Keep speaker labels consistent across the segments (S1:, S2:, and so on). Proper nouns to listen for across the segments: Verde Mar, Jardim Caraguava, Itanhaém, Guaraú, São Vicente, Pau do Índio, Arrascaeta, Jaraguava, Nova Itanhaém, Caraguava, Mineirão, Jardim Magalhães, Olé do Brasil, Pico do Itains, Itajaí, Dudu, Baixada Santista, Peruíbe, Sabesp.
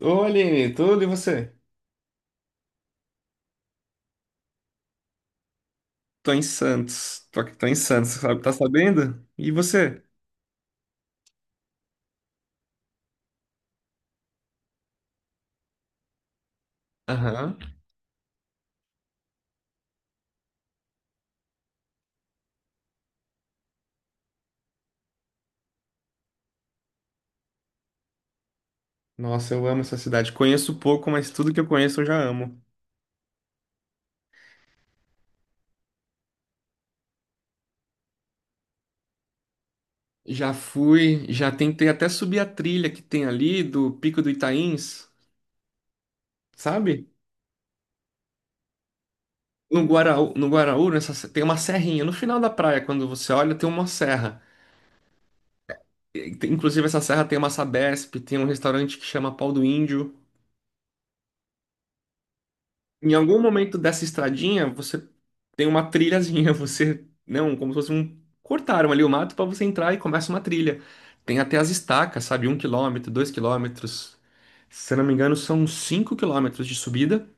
S1: Ô, Aline, tudo e você? Tô em Santos. Tô em Santos, sabe? Tá sabendo? E você? Aham. Nossa, eu amo essa cidade. Conheço pouco, mas tudo que eu conheço eu já amo. Já fui, já tentei até subir a trilha que tem ali do Pico do Itains, sabe? No Guaraú, nessa, se- tem uma serrinha. No final da praia, quando você olha, tem uma serra. Inclusive, essa serra tem uma Sabesp, tem um restaurante que chama Pau do Índio. Em algum momento dessa estradinha, você tem uma trilhazinha, você, não, como se fosse um, cortaram ali o mato para você entrar e começa uma trilha. Tem até as estacas, sabe? Um quilômetro, dois quilômetros. Se eu não me engano, são cinco quilômetros de subida.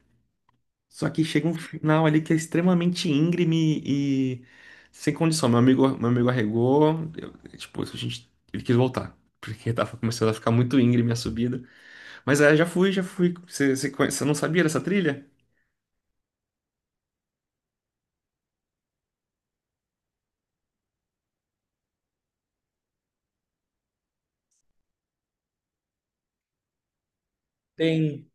S1: Só que chega um final ali que é extremamente íngreme e sem condição. Meu amigo arregou, tipo, a gente, ele quis voltar. Porque tava começando a ficar muito íngreme a subida. Mas aí eu já fui. Você você não sabia dessa trilha? Tem.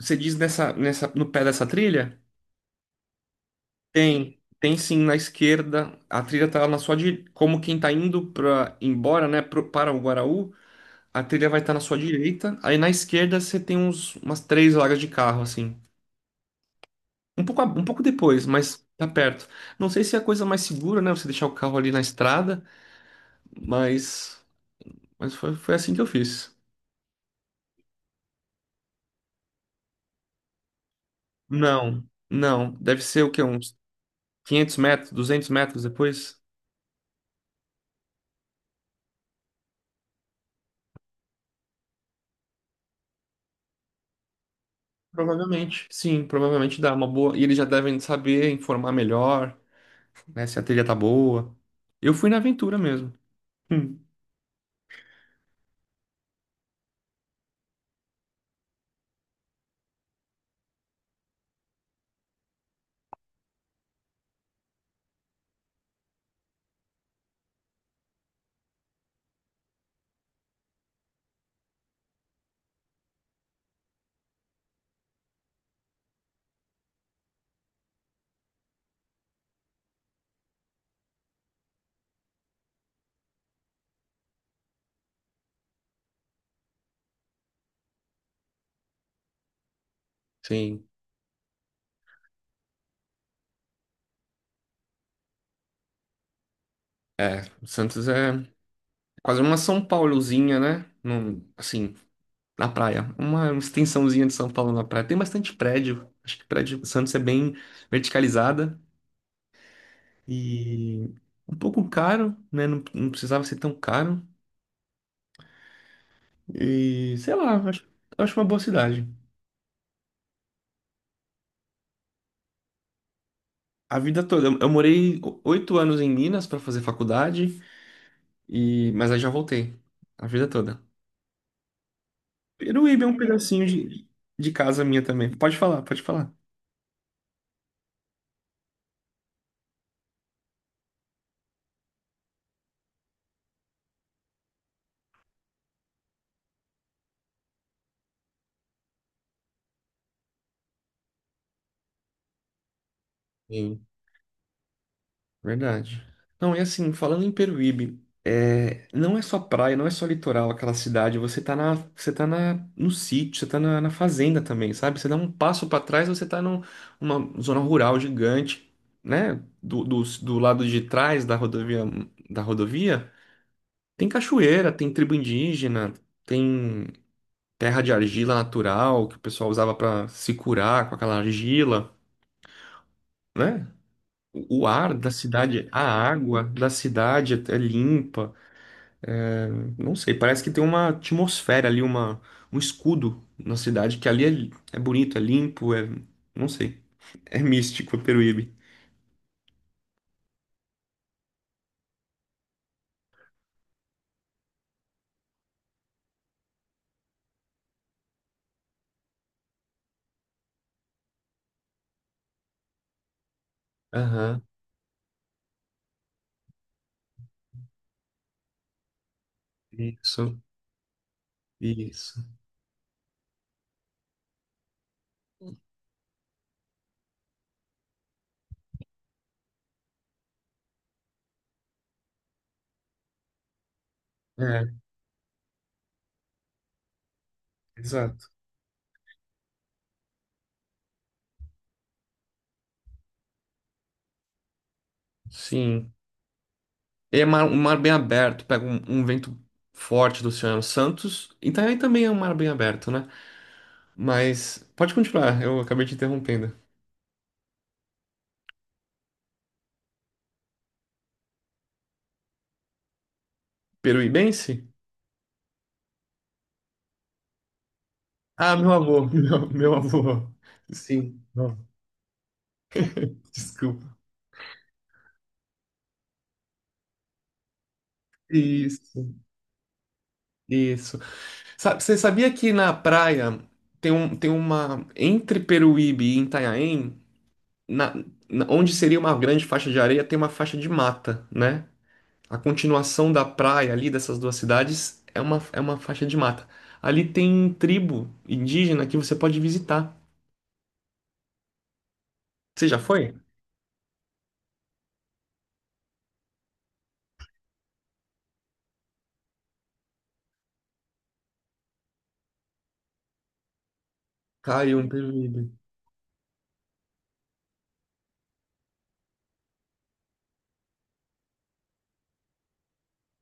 S1: Você diz nessa, no pé dessa trilha? Tem, tem sim na esquerda. A trilha tá na sua direita. Como quem tá indo para embora, né, para o Guaraú, a trilha vai estar na sua direita. Aí na esquerda você tem uns, umas três vagas de carro, assim. Um pouco depois, mas tá perto. Não sei se é a coisa mais segura, né, você deixar o carro ali na estrada, mas, mas foi assim que eu fiz. Não, não. Deve ser o quê? Uns 500 metros, 200 metros depois? Provavelmente, sim, provavelmente dá uma boa. E eles já devem saber informar melhor, né? Se a trilha tá boa. Eu fui na aventura mesmo. Hum. Sim, o Santos é quase uma São Paulozinha, né? Assim, na praia. Uma extensãozinha de São Paulo na praia. Tem bastante prédio. Acho que prédio Santos é bem verticalizada e um pouco caro, né? Não, não precisava ser tão caro. E sei lá, acho uma boa cidade. A vida toda. Eu morei oito anos em Minas para fazer faculdade, e mas aí já voltei. A vida toda. Peruíbe é um pedacinho de casa minha também. Pode falar, pode falar. Sim. Verdade. Não, é assim, falando em Peruíbe, é, não é só praia, não é só litoral aquela cidade. Você tá no sítio, você tá na fazenda também, sabe? Você dá um passo para trás, você tá numa zona rural gigante, né? Do lado de trás da rodovia, da rodovia. Tem cachoeira, tem tribo indígena, tem terra de argila natural que o pessoal usava para se curar com aquela argila, né? O ar da cidade, a água da cidade é limpa. Não sei, parece que tem uma atmosfera ali, uma, um escudo na cidade que ali é, é bonito, é limpo, é, não sei, é místico, é Peruíbe. Aham, isso, isso. É, exato. Sim. É mar, um mar bem aberto, pega um, um vento forte do Oceano Santos. Itajaí também é um mar bem aberto, né? Mas pode continuar, eu acabei te interrompendo. Peruibense? Ah, meu avô, meu avô. Sim, não, desculpa. Isso, isso. Você sabia que na praia tem, um, tem uma. Entre Peruíbe e Itanhaém, na, onde seria uma grande faixa de areia, tem uma faixa de mata, né? A continuação da praia ali dessas duas cidades é uma faixa de mata. Ali tem tribo indígena que você pode visitar. Você já foi? Caiu um período.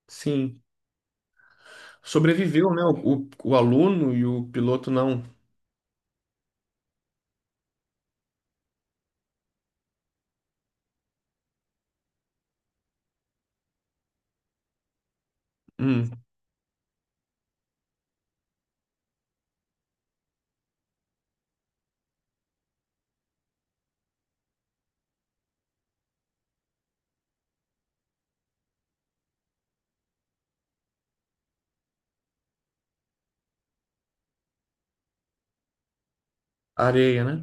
S1: Sim. Sobreviveu, né? O aluno e o piloto não. Hum, areia, né?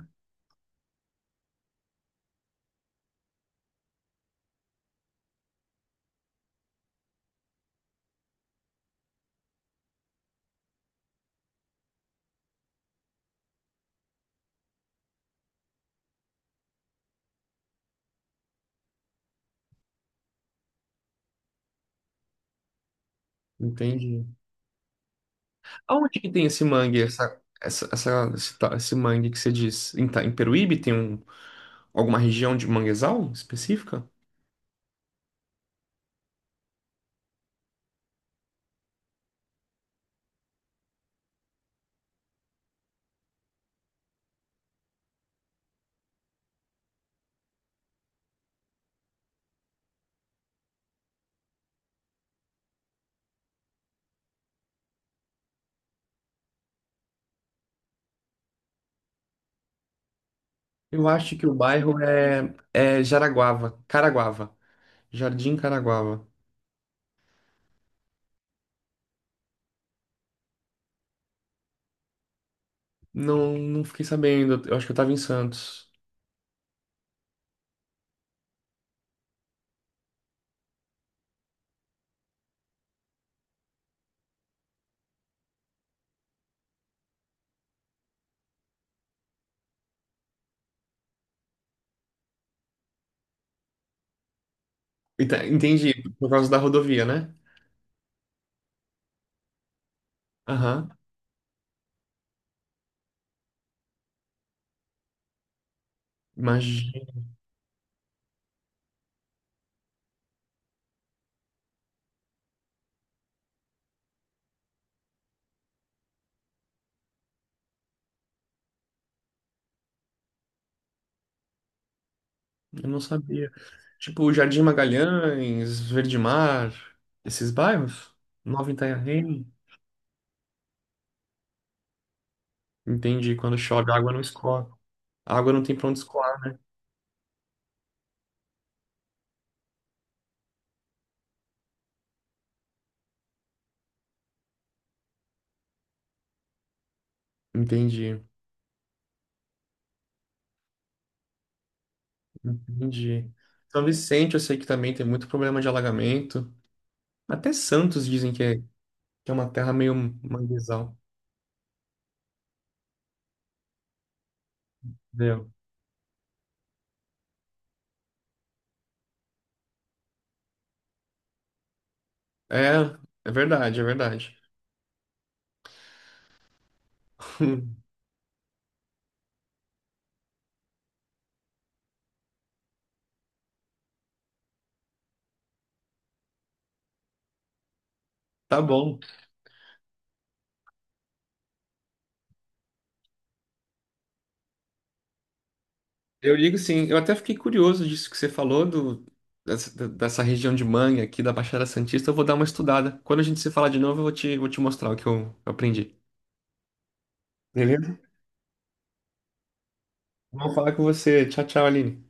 S1: Entendi. Aonde que tem esse mangue, esse mangue que você diz? Em Peruíbe tem um, alguma região de manguezal específica? Eu acho que o bairro é Jaraguava, Caraguava, Jardim Caraguava. Não, não fiquei sabendo. Eu acho que eu tava em Santos. Entendi, por causa da rodovia, né? Aham. Imagina, eu não sabia. Tipo, Jardim Magalhães, Verde Mar, esses bairros? Nova Itanhaém. Entendi, quando chove, a água não escoa. A água não tem pra onde escoar. Entendi, entendi. São Vicente, eu sei que também tem muito problema de alagamento. Até Santos dizem que é uma terra meio manguezal. Entendeu? É, é verdade, é verdade. Tá bom. Eu ligo sim. Eu até fiquei curioso disso que você falou, do, dessa, dessa região de Mangue aqui da Baixada Santista. Eu vou dar uma estudada. Quando a gente se falar de novo, eu vou te mostrar o que eu aprendi. Beleza? Vou falar com você. Tchau, tchau, Aline.